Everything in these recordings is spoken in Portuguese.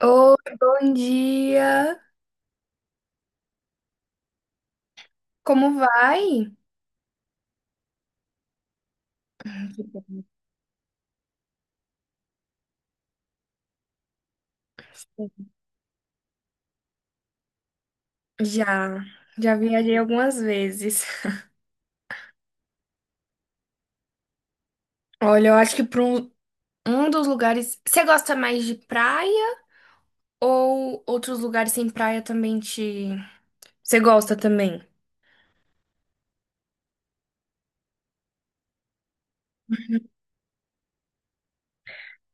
Oi, bom dia. Como vai? Já, já viajei algumas vezes. Olha, eu acho que para um dos lugares. Você gosta mais de praia ou outros lugares sem praia também te. Você gosta também?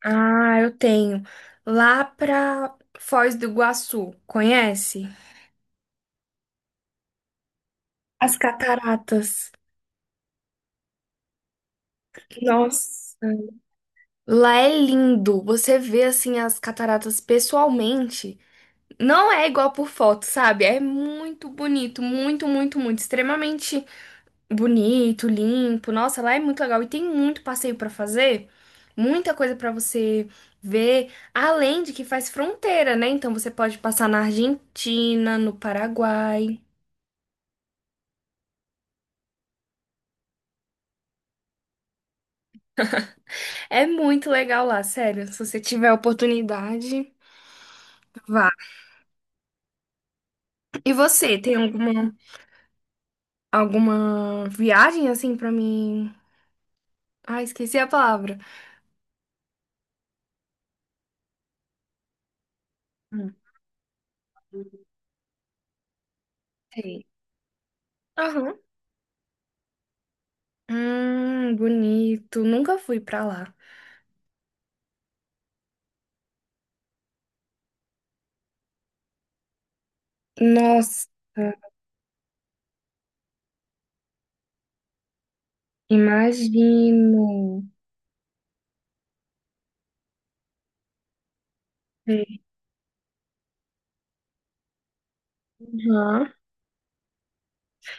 Ah, eu tenho. Lá pra Foz do Iguaçu, conhece? As cataratas. Nossa. Lá é lindo. Você vê assim as cataratas pessoalmente. Não é igual por foto, sabe? É muito bonito, muito, muito, muito, extremamente bonito, limpo. Nossa, lá é muito legal e tem muito passeio pra fazer, muita coisa pra você ver, além de que faz fronteira, né? Então você pode passar na Argentina, no Paraguai. É muito legal lá, sério. Se você tiver a oportunidade, vá. E você, tem alguma viagem assim pra mim? Ah, esqueci a palavra. Hum, Sei. Aham. Bonito. Nunca fui pra lá. Nossa, imagino. Uhum.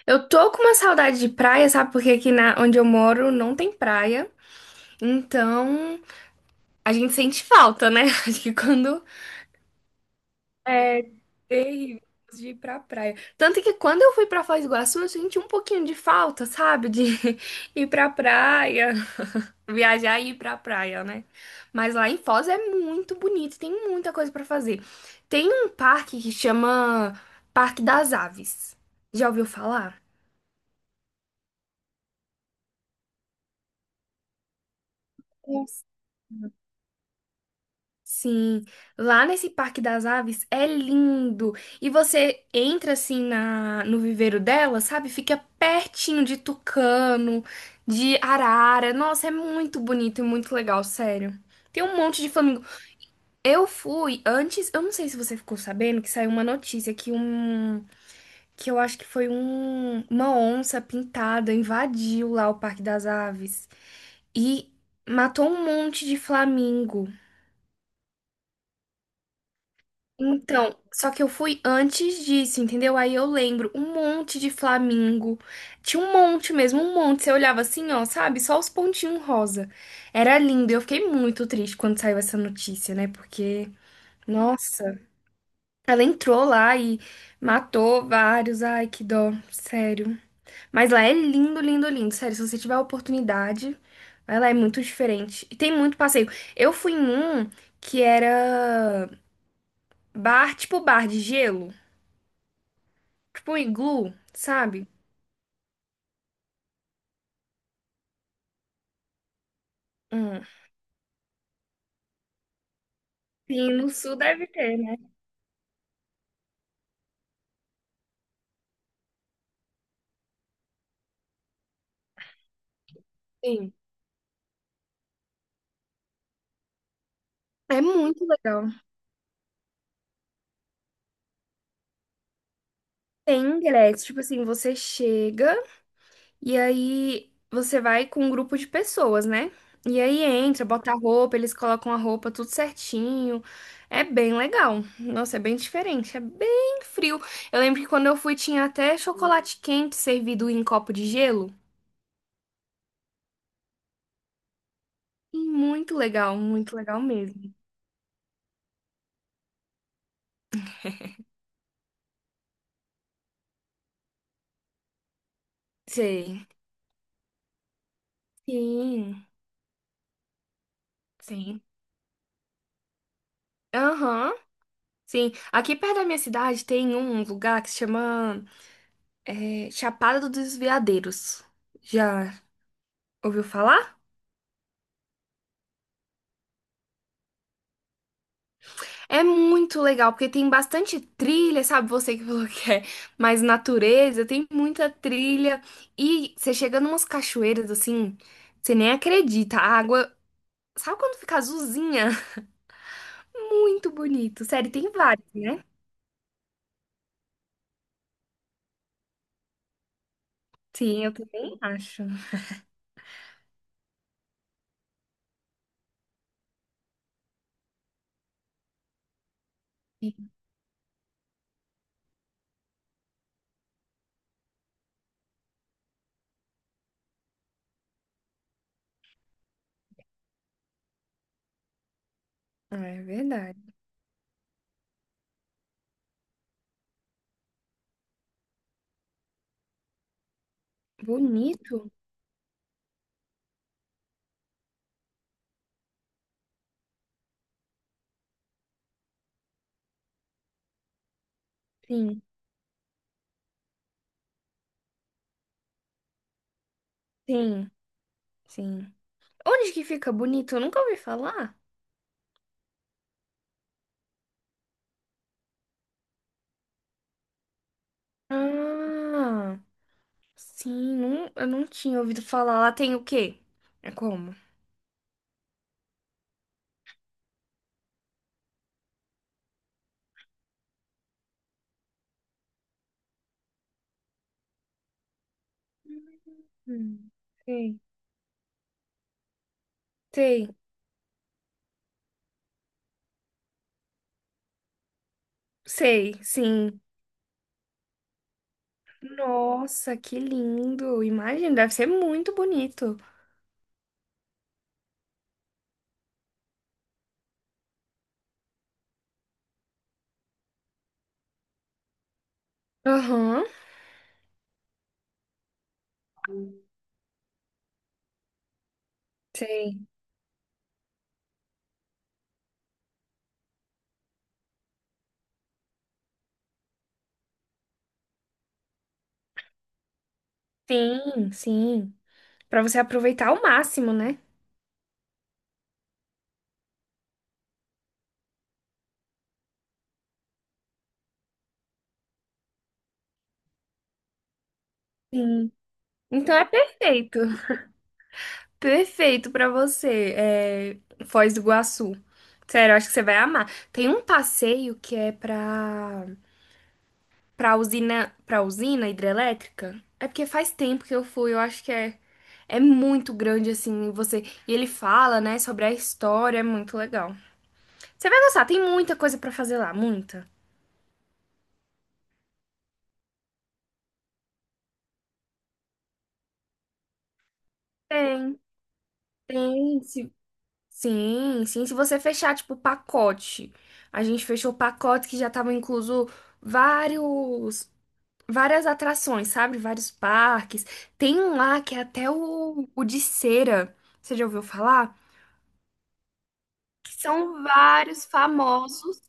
Eu tô com uma saudade de praia, sabe? Porque aqui na, onde eu moro não tem praia. Então a gente sente falta, né? Acho que quando é terrível de ir pra praia. Tanto que quando eu fui pra Foz do Iguaçu, eu senti um pouquinho de falta, sabe? De ir pra praia. Viajar e ir pra praia, né? Mas lá em Foz é muito bonito, tem muita coisa pra fazer. Tem um parque que chama Parque das Aves. Já ouviu falar? Nossa. Sim, lá nesse Parque das Aves é lindo. E você entra assim na no viveiro dela, sabe? Fica pertinho de tucano, de arara. Nossa, é muito bonito e muito legal, sério. Tem um monte de flamingos. Eu fui antes, eu não sei se você ficou sabendo que saiu uma notícia que que eu acho que foi um, uma onça pintada invadiu lá o Parque das Aves e matou um monte de flamingo. Então, só que eu fui antes disso, entendeu? Aí eu lembro, um monte de flamingo. Tinha um monte mesmo, um monte. Você olhava assim, ó, sabe? Só os pontinhos rosa. Era lindo. Eu fiquei muito triste quando saiu essa notícia, né? Porque, nossa. Ela entrou lá e matou vários. Ai, que dó, sério. Mas lá é lindo, lindo, lindo, sério. Se você tiver a oportunidade, vai lá, é muito diferente. E tem muito passeio. Eu fui em um que era bar, tipo bar de gelo, tipo um iglu, sabe? Hum. Sim, no sul deve ter, né? Sim. É muito legal. Tem ingresso, tipo assim, você chega. E aí você vai com um grupo de pessoas, né? E aí entra, bota a roupa, eles colocam a roupa tudo certinho. É bem legal. Nossa, é bem diferente, é bem frio. Eu lembro que quando eu fui tinha até chocolate quente servido em copo de gelo. E muito legal mesmo. Sei. Sim, sim. Aham. Sim, aqui perto da minha cidade tem um lugar que se chama Chapada dos Veadeiros. Já ouviu falar? É muito legal, porque tem bastante trilha, sabe? Você que falou que é mais natureza, tem muita trilha. E você chega numas cachoeiras assim, você nem acredita. A água, sabe quando fica azulzinha? Muito bonito. Sério, tem vários, né? Sim, eu também acho. Ah, é verdade. Bonito? Sim, sim, sim. Onde que fica bonito? Eu nunca ouvi falar. Ah, sim, não, eu não tinha ouvido falar. Lá tem o quê? É como? Hum, Sei, sei, sei, sim. Nossa, que lindo! Imagina, deve ser muito bonito. Aham, sei. Sim, sim. Pra você aproveitar ao máximo, né? Sim. Então é perfeito. Perfeito pra você, Foz do Iguaçu. Sério, eu acho que você vai amar. Tem um passeio que é pra pra usina, pra usina hidrelétrica? É porque faz tempo que eu fui, eu acho que é, é muito grande assim, você, e ele fala, né, sobre a história, é muito legal. Você vai gostar, tem muita coisa pra fazer lá, muita. Tem, tem. Sim, sim, se você fechar tipo o pacote. A gente fechou o pacote que já tava incluso vários várias atrações, sabe? Vários parques. Tem um lá que é até o de cera. Você já ouviu falar? São vários famosos,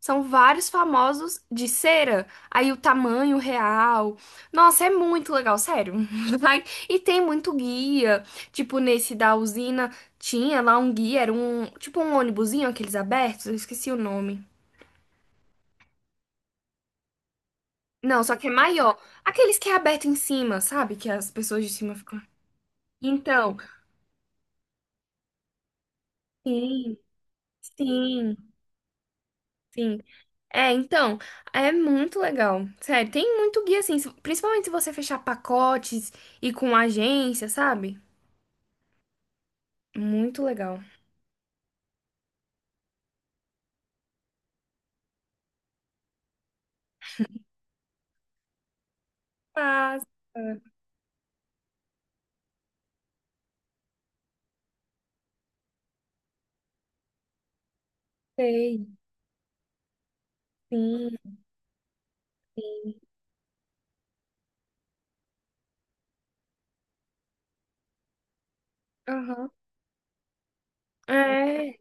são vários famosos de cera. Aí o tamanho real. Nossa, é muito legal, sério. E tem muito guia. Tipo, nesse da usina tinha lá um guia, era um, tipo um ônibusinho, aqueles abertos, eu esqueci o nome. Não, só que é maior. Aqueles que é aberto em cima, sabe? Que as pessoas de cima ficam. Então, sim, sim, sim. É, então, é muito legal. Sério, tem muito guia assim, principalmente se você fechar pacotes e com agência, sabe? Muito legal. Passa, sei. Sim, sim. Aham. É,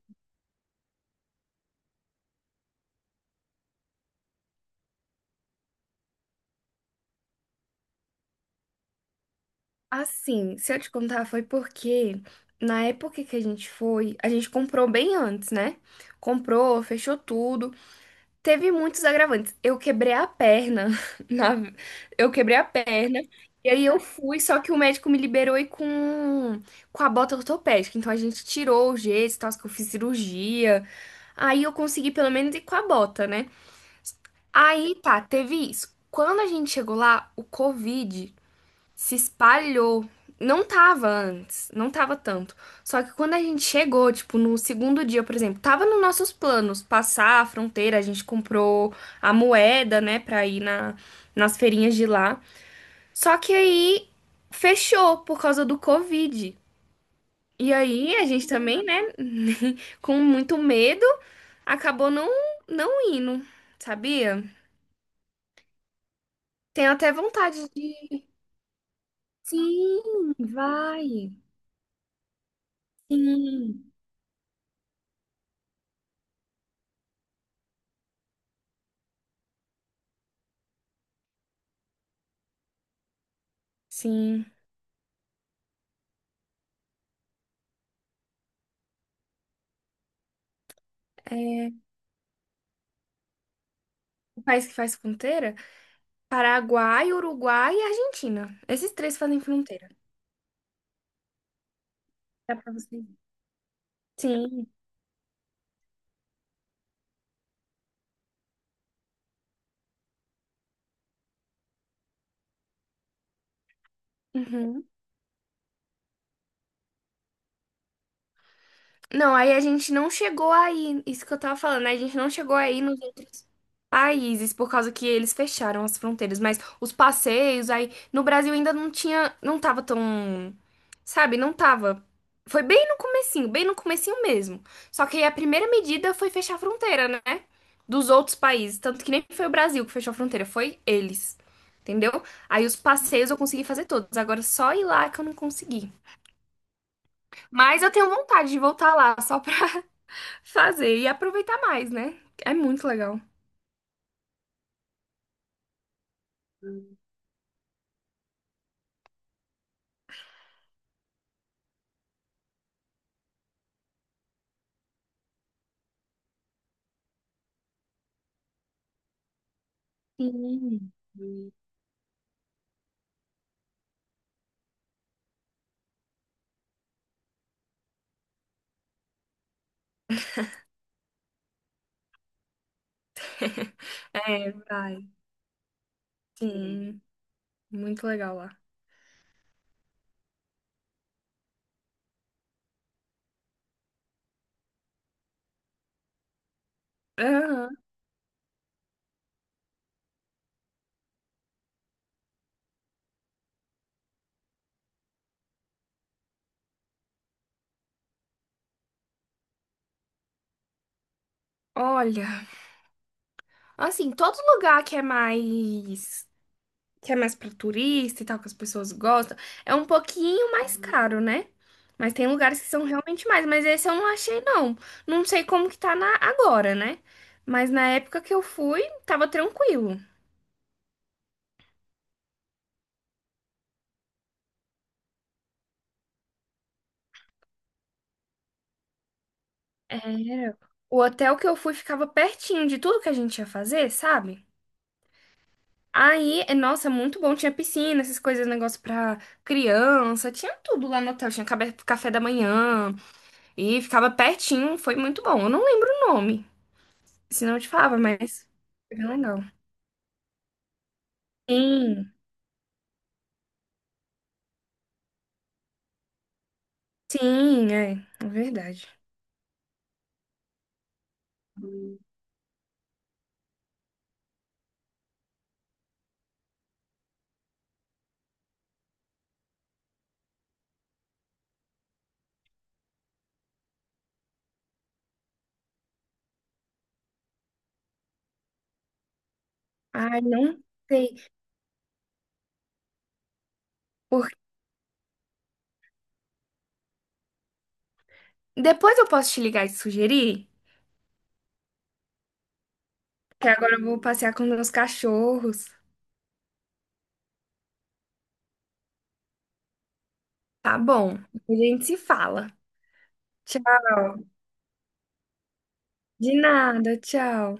assim, se eu te contar, foi porque na época que a gente foi, a gente comprou bem antes, né? Comprou, fechou tudo. Teve muitos agravantes. Eu quebrei a perna. na- Eu quebrei a perna. E aí eu fui, só que o médico me liberou e com a bota ortopédica. Então a gente tirou o gesso, e tal, que eu fiz cirurgia. Aí eu consegui pelo menos ir com a bota, né? Aí tá, teve isso. Quando a gente chegou lá, o Covid se espalhou. Não tava antes, não tava tanto. Só que quando a gente chegou, tipo, no segundo dia, por exemplo, tava nos nossos planos passar a fronteira, a gente comprou a moeda, né, pra ir na, nas feirinhas de lá. Só que aí fechou por causa do Covid. E aí a gente também, né, com muito medo, acabou não indo, sabia? Tenho até vontade de. Sim, vai. Sim, sim. É. O país que faz fronteira? Paraguai, Uruguai e Argentina. Esses três fazem fronteira. Dá pra você ir. Sim. Uhum. Não, aí a gente não chegou aí, isso que eu tava falando, né? A gente não chegou aí nos outros países por causa que eles fecharam as fronteiras, mas os passeios aí no Brasil ainda não tinha, não tava tão, sabe, não tava. Foi bem no comecinho mesmo. Só que aí a primeira medida foi fechar a fronteira, né? Dos outros países, tanto que nem foi o Brasil que fechou a fronteira, foi eles. Entendeu? Aí os passeios eu consegui fazer todos. Agora só ir lá que eu não consegui. Mas eu tenho vontade de voltar lá, só pra fazer e aproveitar mais, né? É muito legal. Sim. É, vai. Sim, muito legal lá. Aham. Olha, assim, todo lugar que é mais para turista e tal, que as pessoas gostam, é um pouquinho mais caro, né? Mas tem lugares que são realmente mais, mas esse eu não achei não. Não sei como que tá na agora, né? Mas na época que eu fui, tava tranquilo. Era. O hotel que eu fui ficava pertinho de tudo que a gente ia fazer, sabe? Aí, é, nossa, é muito bom. Tinha piscina, essas coisas, negócio pra criança. Tinha tudo lá no hotel. Tinha café da manhã. E ficava pertinho. Foi muito bom. Eu não lembro o nome. Senão eu te falava, mas foi bem legal. Sim, sim, é. É verdade. Ai, não sei. Por... Depois eu posso te ligar e te sugerir. Que agora eu vou passear com meus cachorros. Tá bom. A gente se fala. Tchau. De nada, tchau.